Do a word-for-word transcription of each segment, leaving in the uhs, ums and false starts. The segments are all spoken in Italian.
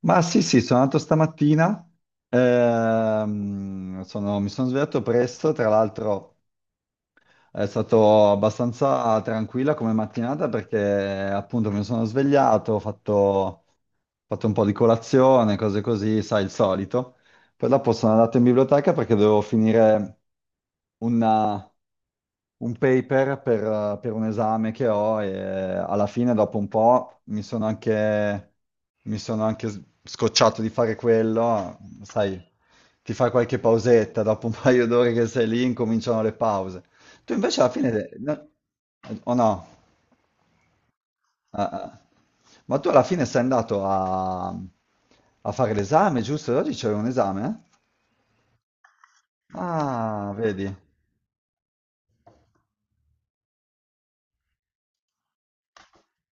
Ma sì, sì, sono andato stamattina, ehm, sono- mi sono svegliato presto. Tra l'altro è stato abbastanza tranquilla come mattinata perché appunto mi sono svegliato, ho fatto, ho fatto un po' di colazione, cose così, sai, il solito. Poi dopo sono andato in biblioteca perché dovevo finire un paper per, eh, per un esame che ho e eh, alla fine, dopo un po', mi sono anche, mi sono anche s- scocciato di fare quello. Sai, ti fai qualche pausetta, dopo un paio d'ore che sei lì, incominciano le pause. Tu invece alla fine, no- o no? Ah, ah. Ma tu alla fine sei andato a, a fare l'esame, giusto? Oggi c'è un esame, eh? Ah, vedi?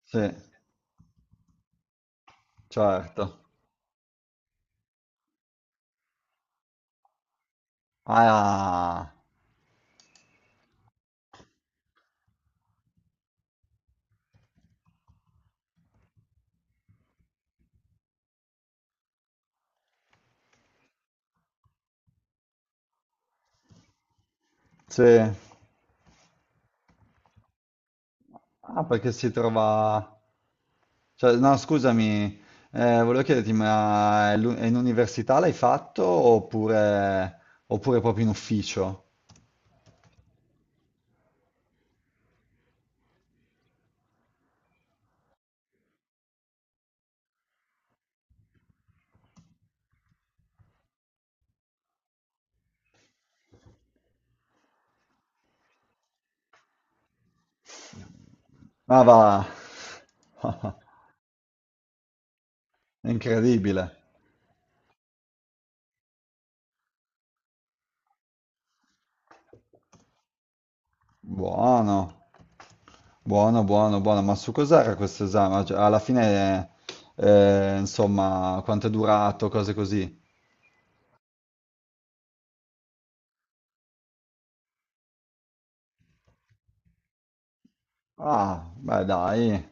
Sì, certo. Ah, sì. Ah, perché si trova. Cioè, no, scusami, eh, volevo chiederti, ma è l'u- è in università l'hai fatto, oppure, oppure proprio in ufficio? Ah, va. È incredibile. Buono, buono, buono, buono. Ma su cos'era questo esame? Cioè, alla fine, eh, insomma, quanto è durato, cose così. Ah, beh, dai.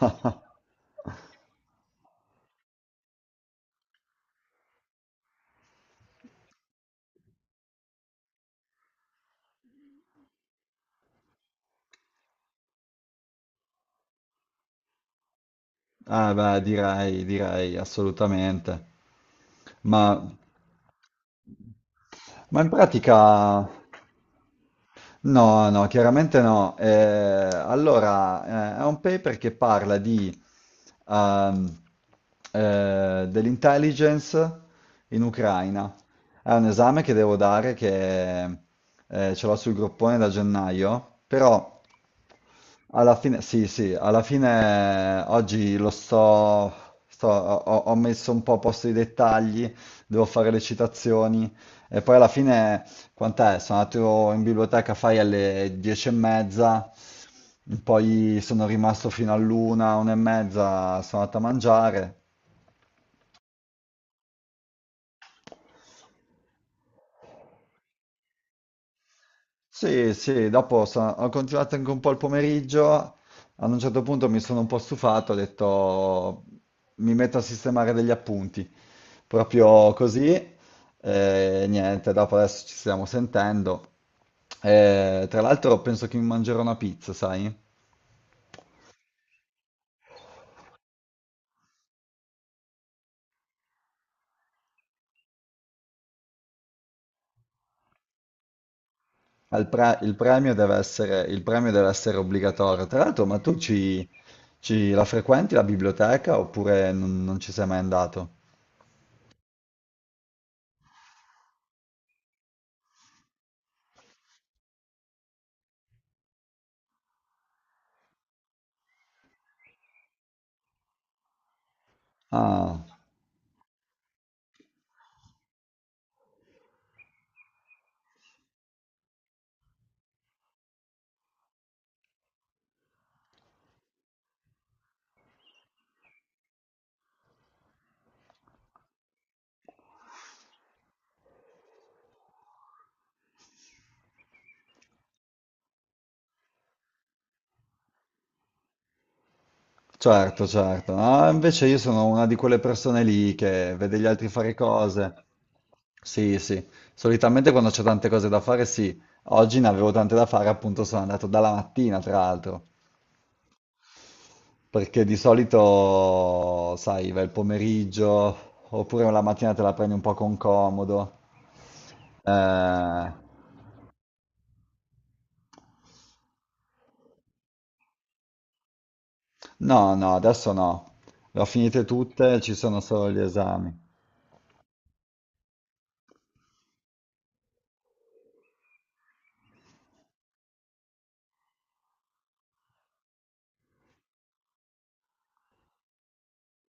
Ah, beh, direi, direi, assolutamente. Ma. Ma in pratica. No, no, chiaramente no. Eh, allora, eh, è un paper che parla di, ehm, eh, dell'intelligence in Ucraina. È un esame che devo dare che eh, ce l'ho sul groppone da gennaio. Però alla fine, sì, sì, alla fine eh, oggi lo sto, sto- ho, ho messo un po' a posto i dettagli, devo fare le citazioni e poi alla fine, quant'è? Sono andato in biblioteca, fai alle dieci e mezza, poi sono rimasto fino all'una, una e mezza, sono andato a mangiare. Sì, sì, dopo so- ho continuato anche un po' il pomeriggio, ad un certo punto mi sono un po' stufato, ho detto mi metto a sistemare degli appunti, proprio così, e niente, dopo adesso ci stiamo sentendo. Eh, tra l'altro penso che mi mangerò una pizza, sai? Al pre- Il premio deve essere, il premio deve essere obbligatorio. Tra l'altro, ma tu ci, ci- la frequenti la biblioteca, oppure non non ci sei mai andato? Ah. Certo, certo. Ah, invece io sono una di quelle persone lì che vede gli altri fare cose. Sì, sì. Solitamente quando c'è tante cose da fare, sì. Oggi ne avevo tante da fare, appunto sono andato dalla mattina, tra l'altro. Perché di solito, sai, va il pomeriggio, oppure la mattina te la prendi un po' con comodo. Eh, no, no, adesso no. Le ho finite tutte, ci sono solo gli esami.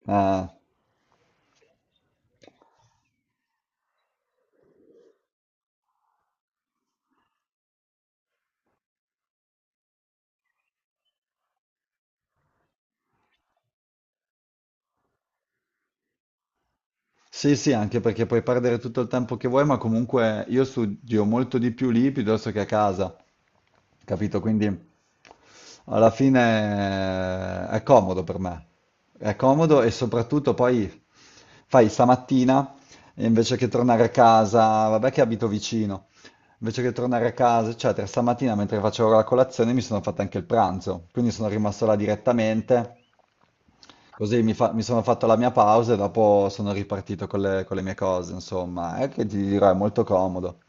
Eh. Sì, sì, anche perché puoi perdere tutto il tempo che vuoi, ma comunque io studio molto di più lì piuttosto che a casa, capito? Quindi alla fine eh, è comodo per me, è comodo e soprattutto poi fai stamattina e invece che tornare a casa, vabbè che abito vicino, invece che tornare a casa, eccetera, stamattina mentre facevo la colazione mi sono fatto anche il pranzo, quindi sono rimasto là direttamente. Così mi, fa- mi sono fatto la mia pausa e dopo sono ripartito con le, con le mie cose, insomma, è che ti dirò, è molto comodo.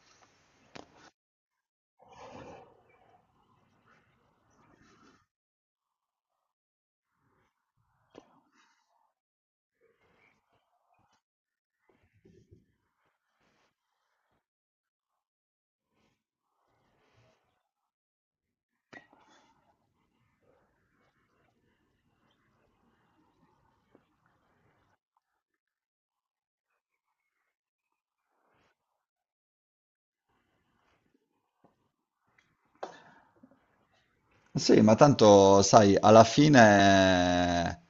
Sì, ma tanto, sai, alla fine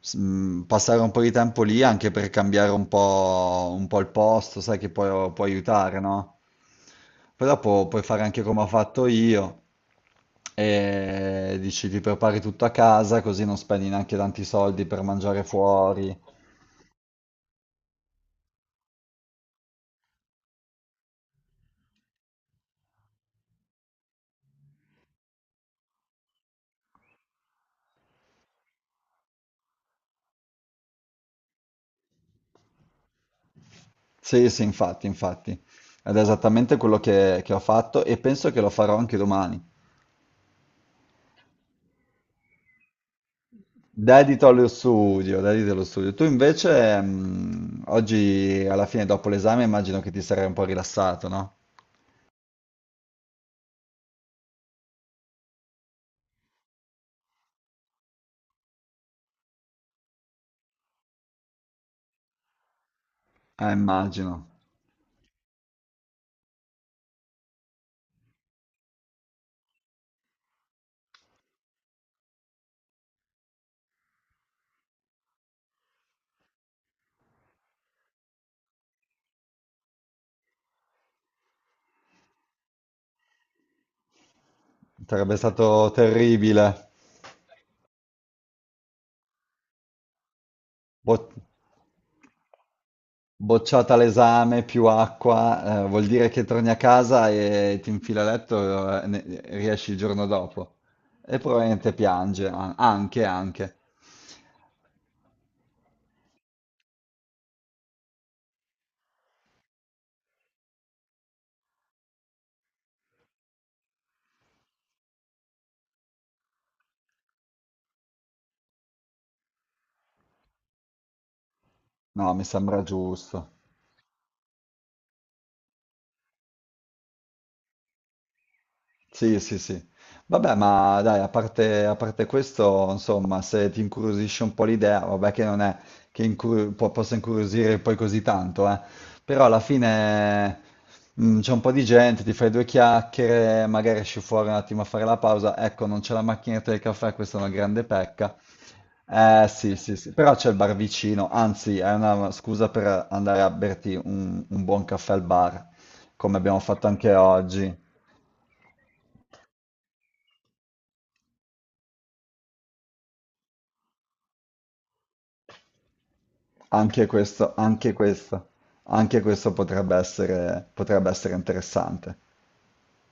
s- mh, passare un po' di tempo lì anche per cambiare un po', un po' il posto, sai che può, può aiutare, no? Poi dopo puoi fare anche come ho fatto io e dici ti prepari tutto a casa così non spendi neanche tanti soldi per mangiare fuori. Sì, sì, infatti, infatti. Ed è esattamente quello che, che ho fatto e penso che lo farò anche domani. Dedito allo studio, dedito allo studio. Tu invece, mh, oggi alla fine, dopo l'esame, immagino che ti sarai un po' rilassato, no? Eh, immagino. Sarebbe stato terribile. Boh. Bocciata l'esame, più acqua, eh, vuol dire che torni a casa e ti infila a letto e ne- riesci il giorno dopo. E probabilmente piange, an- anche, anche. No, mi sembra giusto. Sì, sì, sì. Vabbè, ma dai, a parte, a parte questo, insomma, se ti incuriosisce un po' l'idea, vabbè che non è che incur- po- possa incuriosire poi così tanto, eh. Però alla fine mm, c'è un po' di gente, ti fai due chiacchiere, magari esci fuori un attimo a fare la pausa. Ecco, non c'è la macchinetta del caffè, questa è una grande pecca. Eh sì, sì, sì, però c'è il bar vicino, anzi, è una scusa per andare a berti un un buon caffè al bar, come abbiamo fatto anche oggi. Anche questo, anche questo, anche questo potrebbe essere, potrebbe essere interessante.